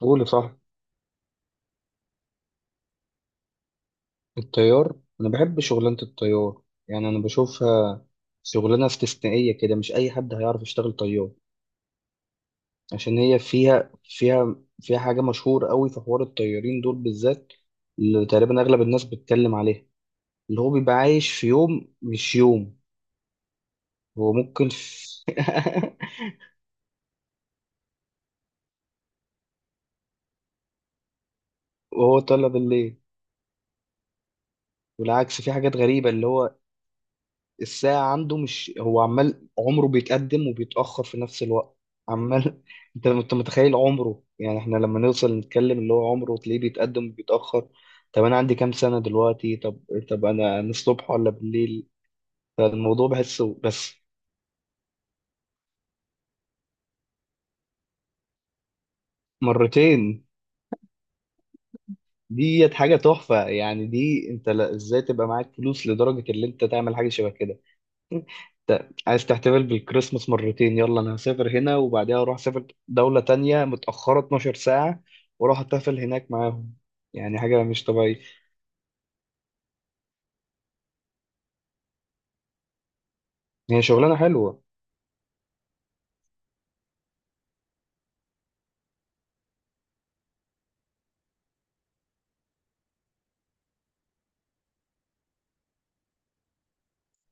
قولي صح. الطيار. انا بحب شغلانه الطيار. يعني انا بشوفها شغلانه استثنائيه كده، مش اي حد هيعرف يشتغل طيار. عشان هي فيها حاجه مشهوره قوي في حوار الطيارين دول بالذات، اللي تقريبا اغلب الناس بتتكلم عليها، اللي هو بيبقى عايش في يوم مش يوم. هو ممكن في. وهو طالع بالليل. والعكس في حاجات غريبه، اللي هو الساعة عنده، مش هو عمال عمره بيتقدم وبيتأخر في نفس الوقت. عمال انت متخيل عمره، يعني احنا لما نوصل نتكلم اللي هو عمره تلاقيه بيتقدم وبيتأخر. طب انا عندي كام سنة دلوقتي؟ طب، طب انا الصبح ولا بالليل؟ فالموضوع بحسه بس. مرتين. ديت حاجة تحفة، يعني دي انت ازاي تبقى معاك فلوس لدرجة اللي انت تعمل حاجة شبه كده؟ عايز تحتفل بالكريسماس مرتين؟ يلا انا هسافر هنا وبعدها اروح اسافر دولة تانية متأخرة 12 ساعة واروح احتفل هناك معاهم. يعني حاجة مش طبيعية. هي شغلانة حلوة.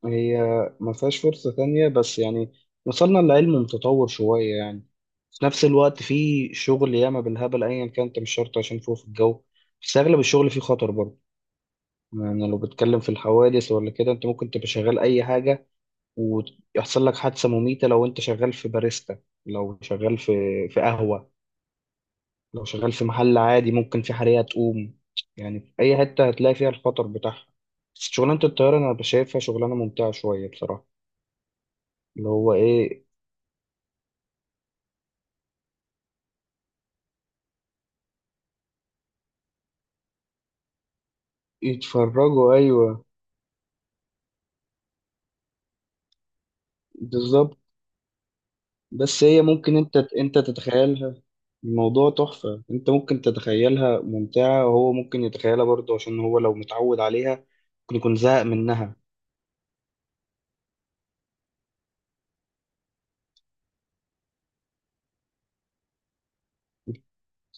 هي ما فيهاش فرصة تانية، بس يعني وصلنا لعلم متطور شوية يعني. في نفس الوقت في شغل ياما بالهبل ايا كان، انت مش شرط عشان فوق في الجو. بس اغلب الشغل فيه خطر برضه. يعني لو بتتكلم في الحوادث ولا كده، انت ممكن تبقى شغال اي حاجة ويحصل لك حادثة مميتة. لو انت شغال في باريستا، لو شغال في قهوة، لو شغال في محل عادي، ممكن في حريقة تقوم. يعني في أي حتة هتلاقي فيها الخطر بتاعها. بس شغلانة الطيارة أنا شايفها شغلانة ممتعة شوية بصراحة. اللي هو إيه. يتفرجوا، أيوه. بالظبط. بس هي ممكن أنت تتخيلها. الموضوع تحفة، أنت ممكن تتخيلها ممتعة، وهو ممكن يتخيلها برضه، عشان هو لو متعود عليها ممكن يكون زهق منها.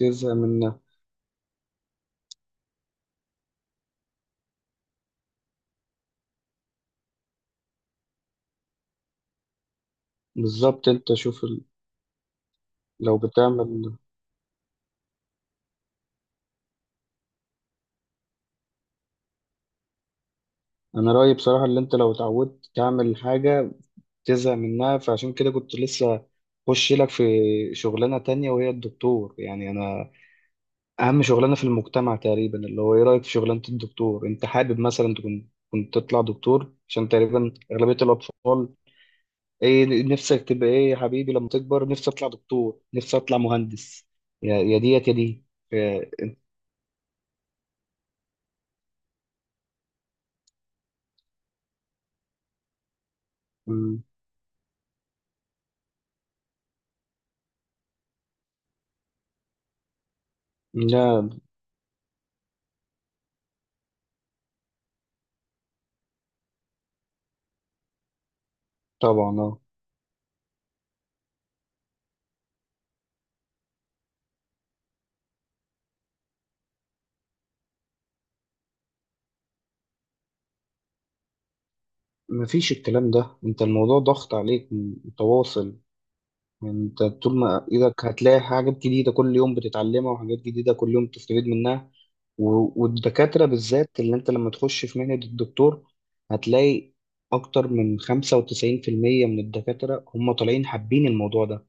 يزهق منها. بالظبط. انت شوف لو بتعمل. انا رأيي بصراحة، اللي انت لو اتعودت تعمل حاجة تزهق منها، فعشان كده كنت لسه خش لك في شغلانة تانية، وهي الدكتور. يعني انا اهم شغلانة في المجتمع تقريبا، اللي هو ايه رأيك في شغلانة الدكتور؟ انت حابب مثلا تكون كنت تطلع دكتور؟ عشان تقريبا أغلبية الأطفال، ايه نفسك تبقى ايه يا حبيبي لما تكبر؟ نفسي اطلع دكتور، نفسي اطلع مهندس. يا ديت يا دي. يا- م- لا. طبعا، اه. مفيش الكلام ده، انت الموضوع ضغط عليك متواصل. انت طول ما ايدك هتلاقي حاجات جديدة كل يوم بتتعلمها، وحاجات جديدة كل يوم بتستفيد منها. والدكاترة بالذات، اللي انت لما تخش في مهنة الدكتور هتلاقي اكتر من 95% من الدكاترة هم طالعين حابين الموضوع ده،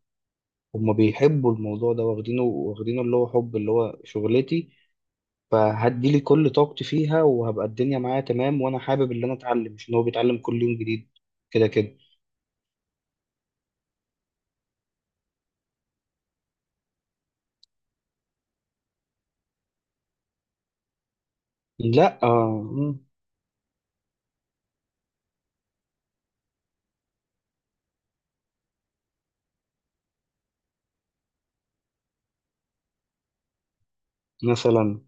هم بيحبوا الموضوع ده واخدينه واخدينه، اللي هو حب اللي هو شغلتي، فهدي لي كل طاقتي فيها وهبقى الدنيا معايا تمام، وانا حابب اللي انا اتعلم، مش ان هو بيتعلم كل يوم جديد كده كده. لا، آه، مم. مثلا.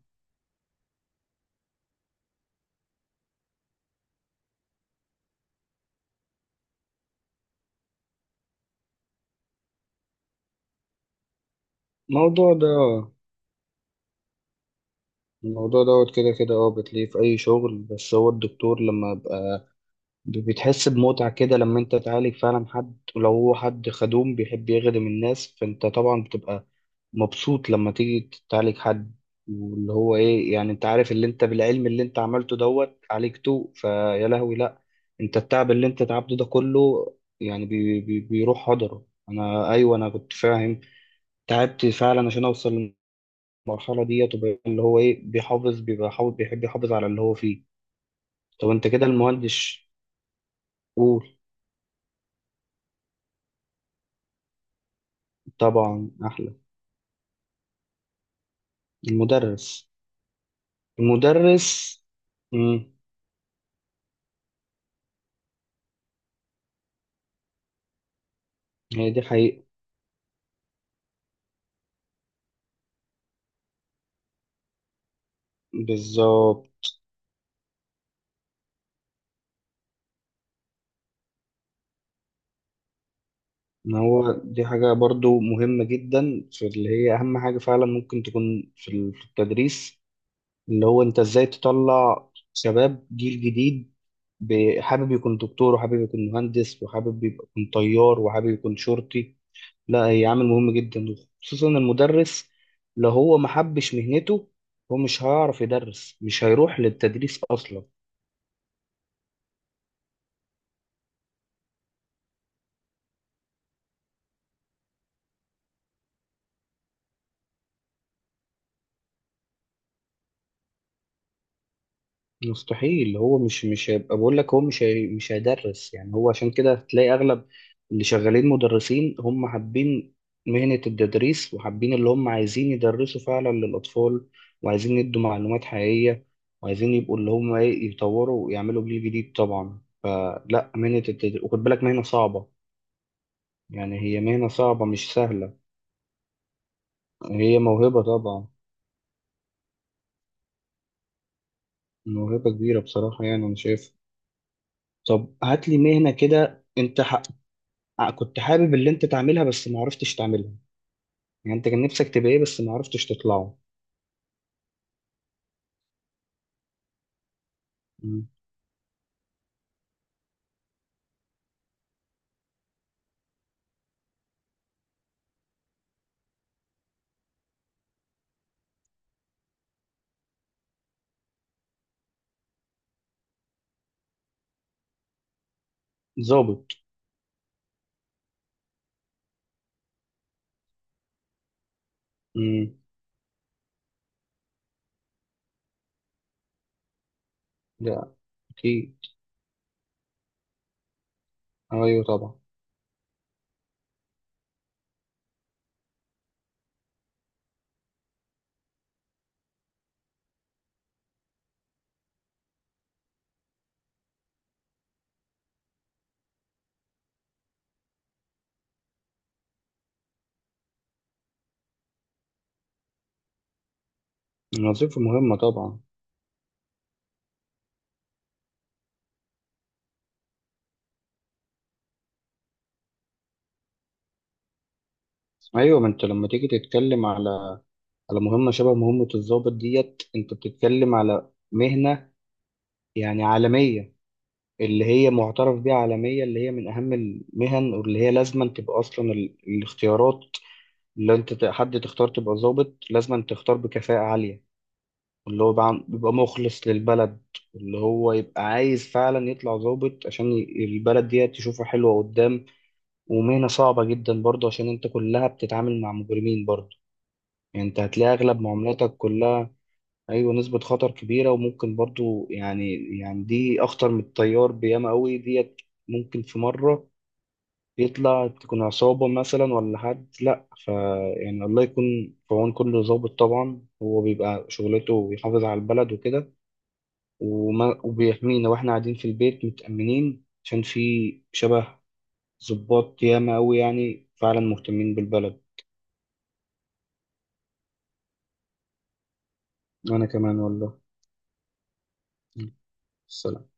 الموضوع ده، الموضوع دوت كده كده، اه بتلاقيه في اي شغل، بس هو الدكتور لما بقى بتحس بمتعة كده لما انت تعالج فعلا حد، ولو هو حد خدوم بيحب يخدم الناس، فانت طبعا بتبقى مبسوط لما تيجي تعالج حد. واللي هو ايه يعني، انت عارف اللي انت بالعلم اللي انت عملته دوت عالجته فيا لهوي، لا، انت التعب اللي انت تعبته ده كله يعني بي بي بيروح هدره. انا، ايوه انا كنت فاهم، تعبت فعلا عشان اوصل المرحلة دي، وتبقى اللي هو ايه بيحافظ، بيبقى حافظ، بيحب يحافظ على اللي هو فيه. طب انت كده المهندس. قول. طبعا، احلى. المدرس. المدرس. امم هي دي حقيقة. بالظبط. ما هو دي حاجة برضو مهمة جدا، في اللي هي أهم حاجة فعلا ممكن تكون في في التدريس، اللي هو أنت إزاي تطلع شباب جيل جديد حابب يكون دكتور، وحابب يكون مهندس، وحابب يكون طيار، وحابب يكون شرطي. لا، هي عامل مهم جدا، خصوصا المدرس. لو هو ما حبش مهنته، هو مش هيعرف يدرس، مش هيروح للتدريس اصلا. مستحيل. هو مش هيبقى، بقول لك، هو مش، هي مش هيدرس. يعني هو عشان كده هتلاقي اغلب اللي شغالين مدرسين هم حابين مهنة التدريس، وحابين اللي هم عايزين يدرسوا فعلا للأطفال، وعايزين يدوا معلومات حقيقية، وعايزين يبقوا اللي هم ايه يطوروا ويعملوا جيل جديد طبعا. فلا، مهنة التدريس، وخد بالك مهنة صعبة. يعني هي مهنة صعبة مش سهلة. هي موهبة طبعا. موهبة كبيرة بصراحة، يعني أنا شايف. طب هات لي مهنة كده أنت كنت حابب اللي أنت تعملها بس ما عرفتش تعملها. يعني أنت كان نفسك تبقى إيه بس ما عرفتش تطلعه. مم. ظابط. مم. لا. أكيد. أيوه طبعا. الوظيفة مهمة طبعا. أيوه، ما أنت لما تيجي تتكلم على مهمة شبه مهمة الضابط ديت، أنت بتتكلم على مهنة يعني عالمية، اللي هي معترف بيها عالميا، اللي هي من أهم المهن، واللي هي لازما تبقى أصلا الاختيارات، اللي أنت حد تختار تبقى ضابط لازما تختار بكفاءة عالية، اللي هو بيبقى مخلص للبلد، اللي هو يبقى عايز فعلا يطلع ضابط عشان البلد دي تشوفها حلوة قدام. ومهنة صعبة جدا برضه عشان أنت كلها بتتعامل مع مجرمين برضه. يعني انت هتلاقي اغلب معاملاتك كلها. ايوه، نسبة خطر كبيرة وممكن برضو يعني، يعني دي اخطر من الطيار بياما قوي ديت. ممكن في مرة يطلع تكون عصابة مثلا ولا حد، لأ، يعني الله يكون في عون كل ضابط. طبعا هو بيبقى شغلته بيحافظ على البلد وكده. وبيحمينا واحنا قاعدين في البيت متأمنين، عشان في شبه ضباط ياما أوي يعني فعلا مهتمين بالبلد. أنا كمان والله. سلام.